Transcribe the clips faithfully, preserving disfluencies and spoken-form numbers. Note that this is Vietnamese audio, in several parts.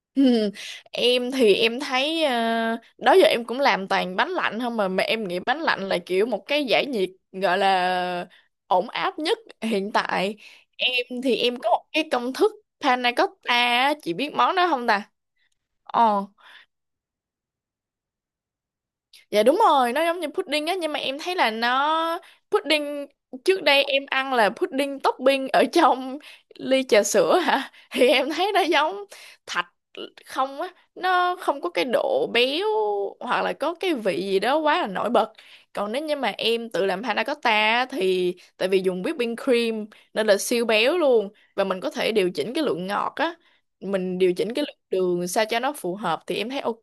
Ừ, em thì em thấy ờ, đó giờ em cũng làm toàn bánh lạnh không mà mà em nghĩ bánh lạnh là kiểu một cái giải nhiệt gọi là ổn áp nhất hiện tại. Em thì em có một cái công thức panna cotta á, chị biết món đó không ta? ờ Dạ đúng rồi, nó giống như pudding á nhưng mà em thấy là nó pudding, trước đây em ăn là pudding topping ở trong ly trà sữa hả? Thì em thấy nó giống thạch không á, nó không có cái độ béo hoặc là có cái vị gì đó quá là nổi bật. Còn nếu như mà em tự làm panna cotta á, thì tại vì dùng whipping cream nên là siêu béo luôn, và mình có thể điều chỉnh cái lượng ngọt á, mình điều chỉnh cái lượng đường sao cho nó phù hợp thì em thấy ok.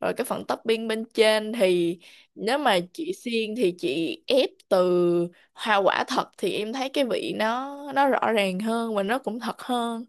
Rồi cái phần topping bên trên thì nếu mà chị xiên thì chị ép từ hoa quả thật thì em thấy cái vị nó nó rõ ràng hơn và nó cũng thật hơn.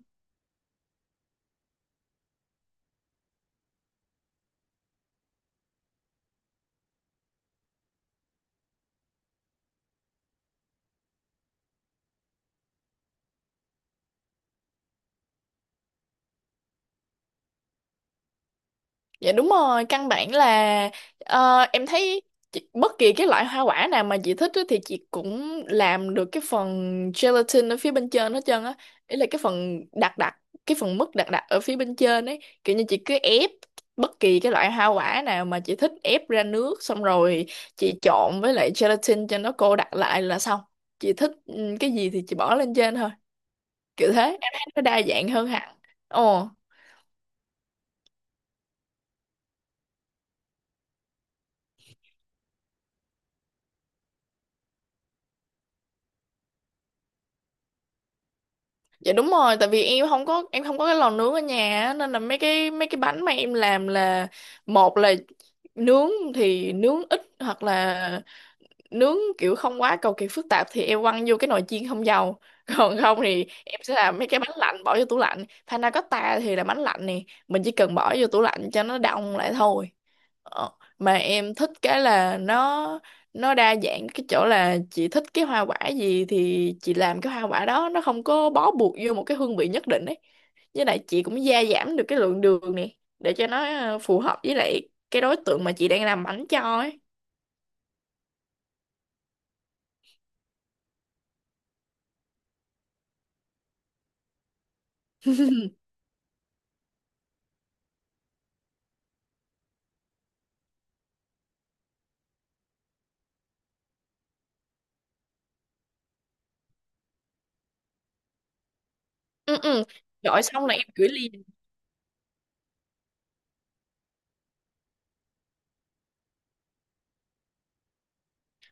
Dạ đúng rồi, căn bản là ờ, em thấy chị- bất kỳ cái loại hoa quả nào mà chị thích á thì chị cũng làm được cái phần gelatin ở phía bên trên hết trơn á. Ý là cái phần đặc đặc, cái phần mứt đặc đặc ở phía bên trên ấy. Kiểu như chị cứ ép bất kỳ cái loại hoa quả nào mà chị thích, ép ra nước xong rồi chị trộn với lại gelatin cho nó cô đặc lại là xong. Chị thích ừ, cái gì thì chị bỏ lên trên thôi. Kiểu thế, em thấy nó đa dạng hơn hẳn. Ồ. Dạ đúng rồi, tại vì em không có em không có cái lò nướng ở nhà á, nên là mấy cái mấy cái bánh mà em làm là một là nướng thì nướng ít hoặc là nướng kiểu không quá cầu kỳ phức tạp thì em quăng vô cái nồi chiên không dầu. Còn không thì em sẽ làm mấy cái bánh lạnh bỏ vô tủ lạnh. Panna cotta thì là bánh lạnh nè, mình chỉ cần bỏ vô tủ lạnh cho nó đông lại thôi. Ờ, mà em thích cái là nó nó đa dạng cái chỗ là chị thích cái hoa quả gì thì chị làm cái hoa quả đó, nó không có bó buộc vô một cái hương vị nhất định ấy, với lại chị cũng gia giảm được cái lượng đường này để cho nó ờ, phù hợp với lại cái đối tượng mà chị đang làm bánh cho ấy. ừ ừ Gọi xong là em gửi ly.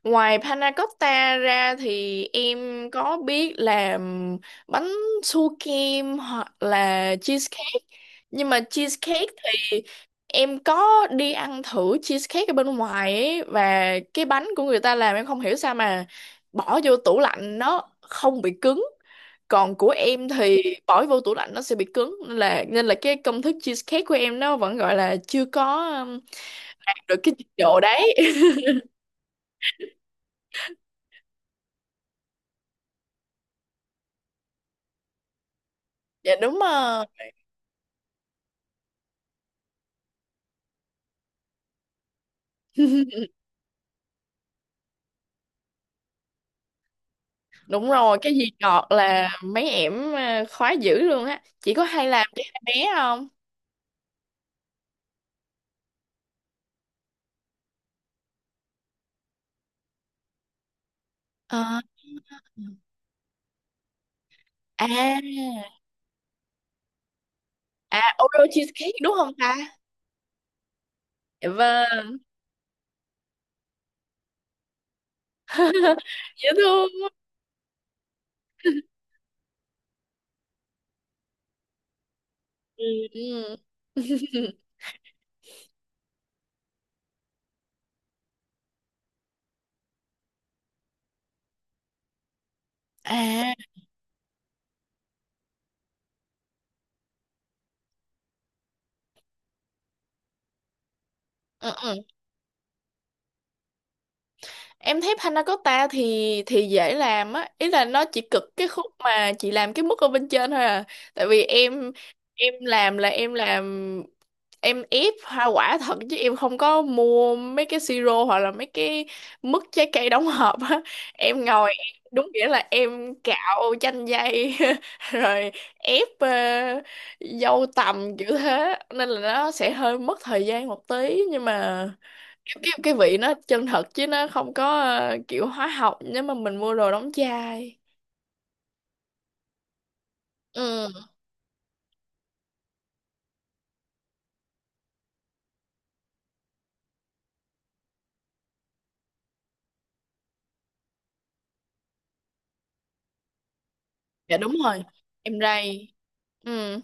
Ngoài panna cotta ra thì em có biết làm bánh su kem hoặc là cheesecake. Nhưng mà cheesecake thì em có đi ăn thử cheesecake ở bên ngoài ấy, và cái bánh của người ta làm em không hiểu sao mà bỏ vô tủ lạnh nó không bị cứng. Còn của em thì bỏ vô tủ lạnh nó sẽ bị cứng, nên là nên là cái công thức cheesecake của em nó vẫn gọi là chưa có um, được cái trình độ đấy. Dạ đúng rồi. Đúng rồi, cái gì ngọt là mấy ẻm à, khoái dữ luôn á. Chị có hay làm cho hai bé không? Ờ. À, à, Oreo cheesecake đúng không ta? Dạ vâng. Dễ thương. Ừ. Ừ. À, ừ, ừ. Em thấy panna cotta thì thì dễ làm á, ý là nó chỉ cực cái khúc mà chị làm cái mức ở bên trên thôi à. Tại vì em em làm là em làm em ép hoa quả thật chứ em không có mua mấy cái siro hoặc là mấy cái mứt trái cây đóng hộp á. Em ngồi em- đúng nghĩa là em cạo chanh dây rồi ép ờ, dâu tằm kiểu thế nên là nó sẽ hơi mất thời gian một tí, nhưng mà cái cái vị nó chân thật chứ nó không có ờ, kiểu hóa học nếu mà mình mua đồ đóng chai. Ừ. Dạ đúng rồi, em rây. Ừ.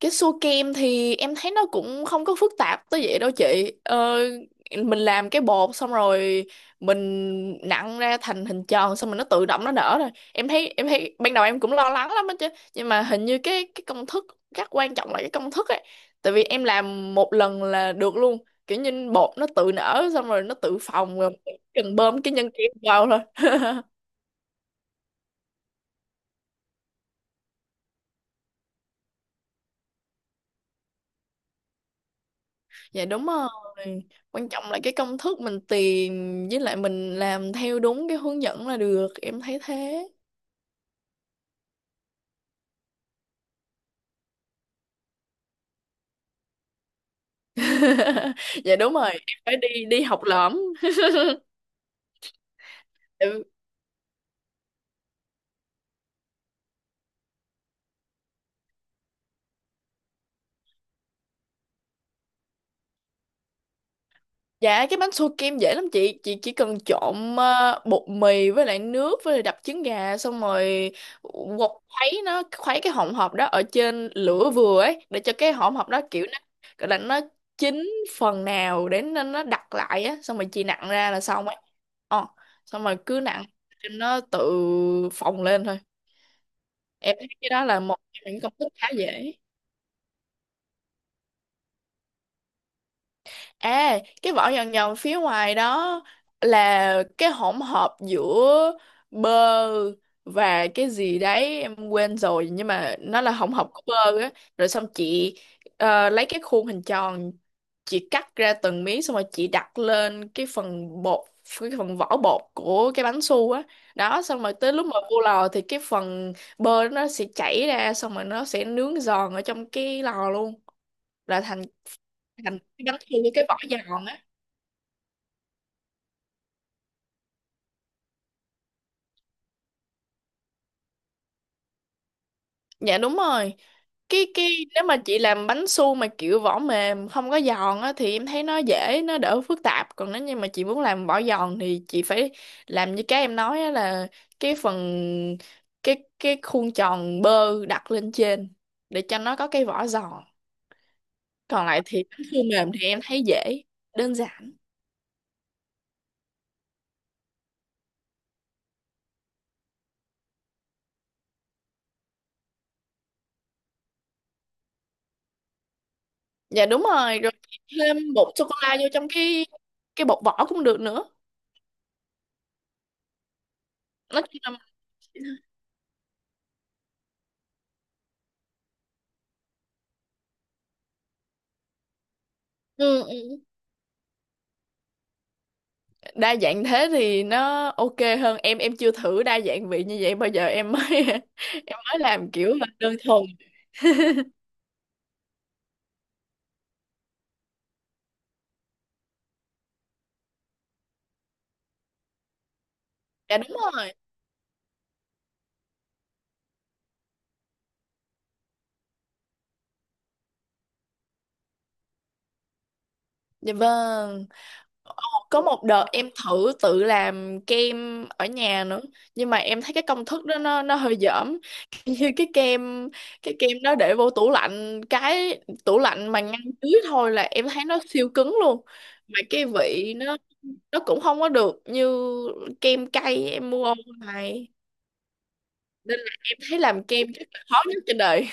Cái xua kem thì em thấy nó cũng không có phức tạp tới vậy đâu chị. Ờ, mình làm cái bột xong rồi mình nặn ra thành hình tròn, xong rồi nó tự động nó nở rồi. Em thấy em thấy ban đầu em cũng lo lắng lắm á chứ. Nhưng mà hình như cái cái công thức rất quan trọng là cái công thức ấy. Tại vì em làm một lần là được luôn. Kiểu như bột nó tự nở xong rồi nó tự phồng rồi, cần bơm cái nhân kem vào thôi. Dạ đúng rồi. Quan trọng là cái công thức mình tìm với lại mình làm theo đúng cái hướng dẫn là được. Em thấy thế. Dạ đúng rồi. Em phải đi đi học lỏm. Dạ cái bánh xua kem dễ lắm chị. Chị chỉ cần trộn ờ, bột mì với lại nước với lại đập trứng gà. Xong rồi quật khuấy nó, khuấy cái hỗn hợp đó ở trên lửa vừa ấy, để cho cái hỗn hợp đó kiểu nó gọi là nó chín phần nào, để nó, nó đặc lại á. Xong rồi chị nặn ra là xong ấy. Ờ, xong rồi cứ nặn cho nó tự phồng lên thôi. Em thấy cái đó là một trong những công thức khá dễ. À, cái vỏ nhòn nhòn phía ngoài đó là cái hỗn hợp giữa bơ và cái gì đấy em quên rồi, nhưng mà nó là hỗn hợp của bơ á, rồi xong chị ờ, lấy cái khuôn hình tròn, chị cắt ra từng miếng xong rồi chị đặt lên cái phần bột, cái phần vỏ bột của cái bánh su á đó, xong rồi tới lúc mà vô lò thì cái phần bơ nó sẽ chảy ra, xong rồi nó sẽ nướng giòn ở trong cái lò luôn, là thành thành cái bánh su với cái vỏ giòn á. Dạ đúng rồi. Cái cái nếu mà chị làm bánh su mà kiểu vỏ mềm không có giòn á thì em thấy nó dễ, nó đỡ phức tạp. Còn nếu như mà chị muốn làm vỏ giòn thì chị phải làm như cái em nói á, là cái phần cái cái khuôn tròn bơ đặt lên trên để cho nó có cái vỏ giòn. Còn lại thì bánh su mềm thì em thấy dễ, đơn giản. Dạ đúng rồi, rồi chị thêm bột sô cô la vô trong cái cái bột vỏ cũng được nữa. Nói chung là ừ, ừ. Ừ. Đa dạng thế thì nó ok hơn, em em chưa thử đa dạng vị như vậy bao giờ, em mới em mới làm kiểu là đơn thuần. Dạ đúng rồi. Dạ vâng. Ồ, có một đợt em thử tự làm kem ở nhà nữa nhưng mà em thấy cái công thức đó nó nó hơi dởm. Kiểu như cái kem, cái kem đó để vô tủ lạnh, cái tủ lạnh mà ngăn dưới thôi là em thấy nó siêu cứng luôn, mà cái vị nó nó cũng không có được như kem cay em mua online, nên là em thấy làm kem chắc là khó nhất trên đời.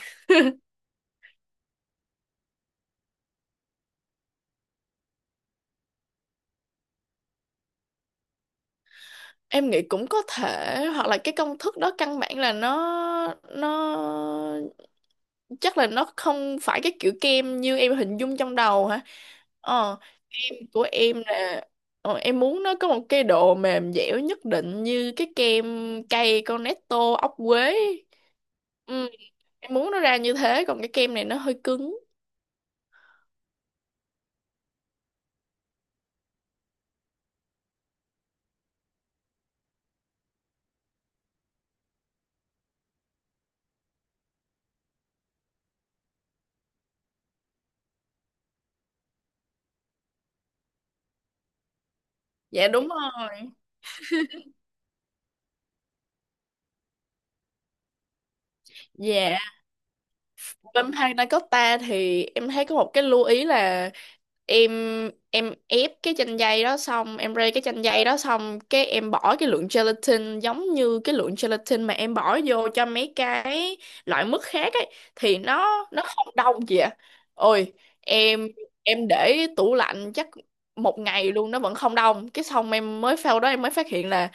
Em nghĩ cũng có thể, hoặc là cái công thức đó căn bản là nó nó chắc là nó không phải cái kiểu kem như em hình dung trong đầu hả. ờ em của em là ờ, em muốn nó có một cái độ mềm dẻo nhất định như cái kem cây Cornetto ốc quế. Ừ, em muốn nó ra như thế, còn cái kem này nó hơi cứng. Dạ đúng rồi. Dạ, Vampire Dakota thì em thấy có một cái lưu ý là em em ép cái chanh dây đó xong em rây cái chanh dây đó, xong cái em bỏ cái lượng gelatin giống như cái lượng gelatin mà em bỏ vô cho mấy cái loại mứt khác ấy thì nó nó không đông gì ạ. Ôi, em em để tủ lạnh chắc một ngày luôn nó vẫn không đông, cái xong em mới, sau đó em mới phát hiện là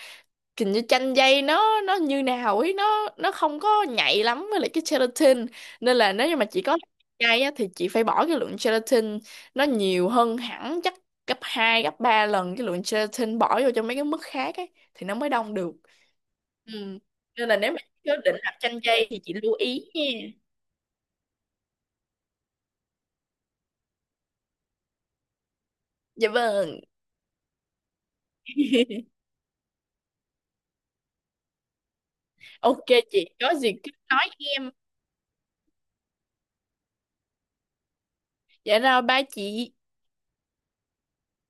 kiểu như chanh dây nó nó như nào ấy, nó nó không có nhạy lắm với lại cái gelatin, nên là nếu như mà chị có chai á, thì chị phải bỏ cái lượng gelatin nó nhiều hơn hẳn, chắc gấp hai gấp ba lần cái lượng gelatin bỏ vô cho mấy cái mức khác ấy thì nó mới đông được. Ừ. Nên là nếu mà chị có định làm chanh dây thì chị lưu ý nha. Dạ vâng. Ok, chị có gì cứ nói em. Dạ rồi ba chị.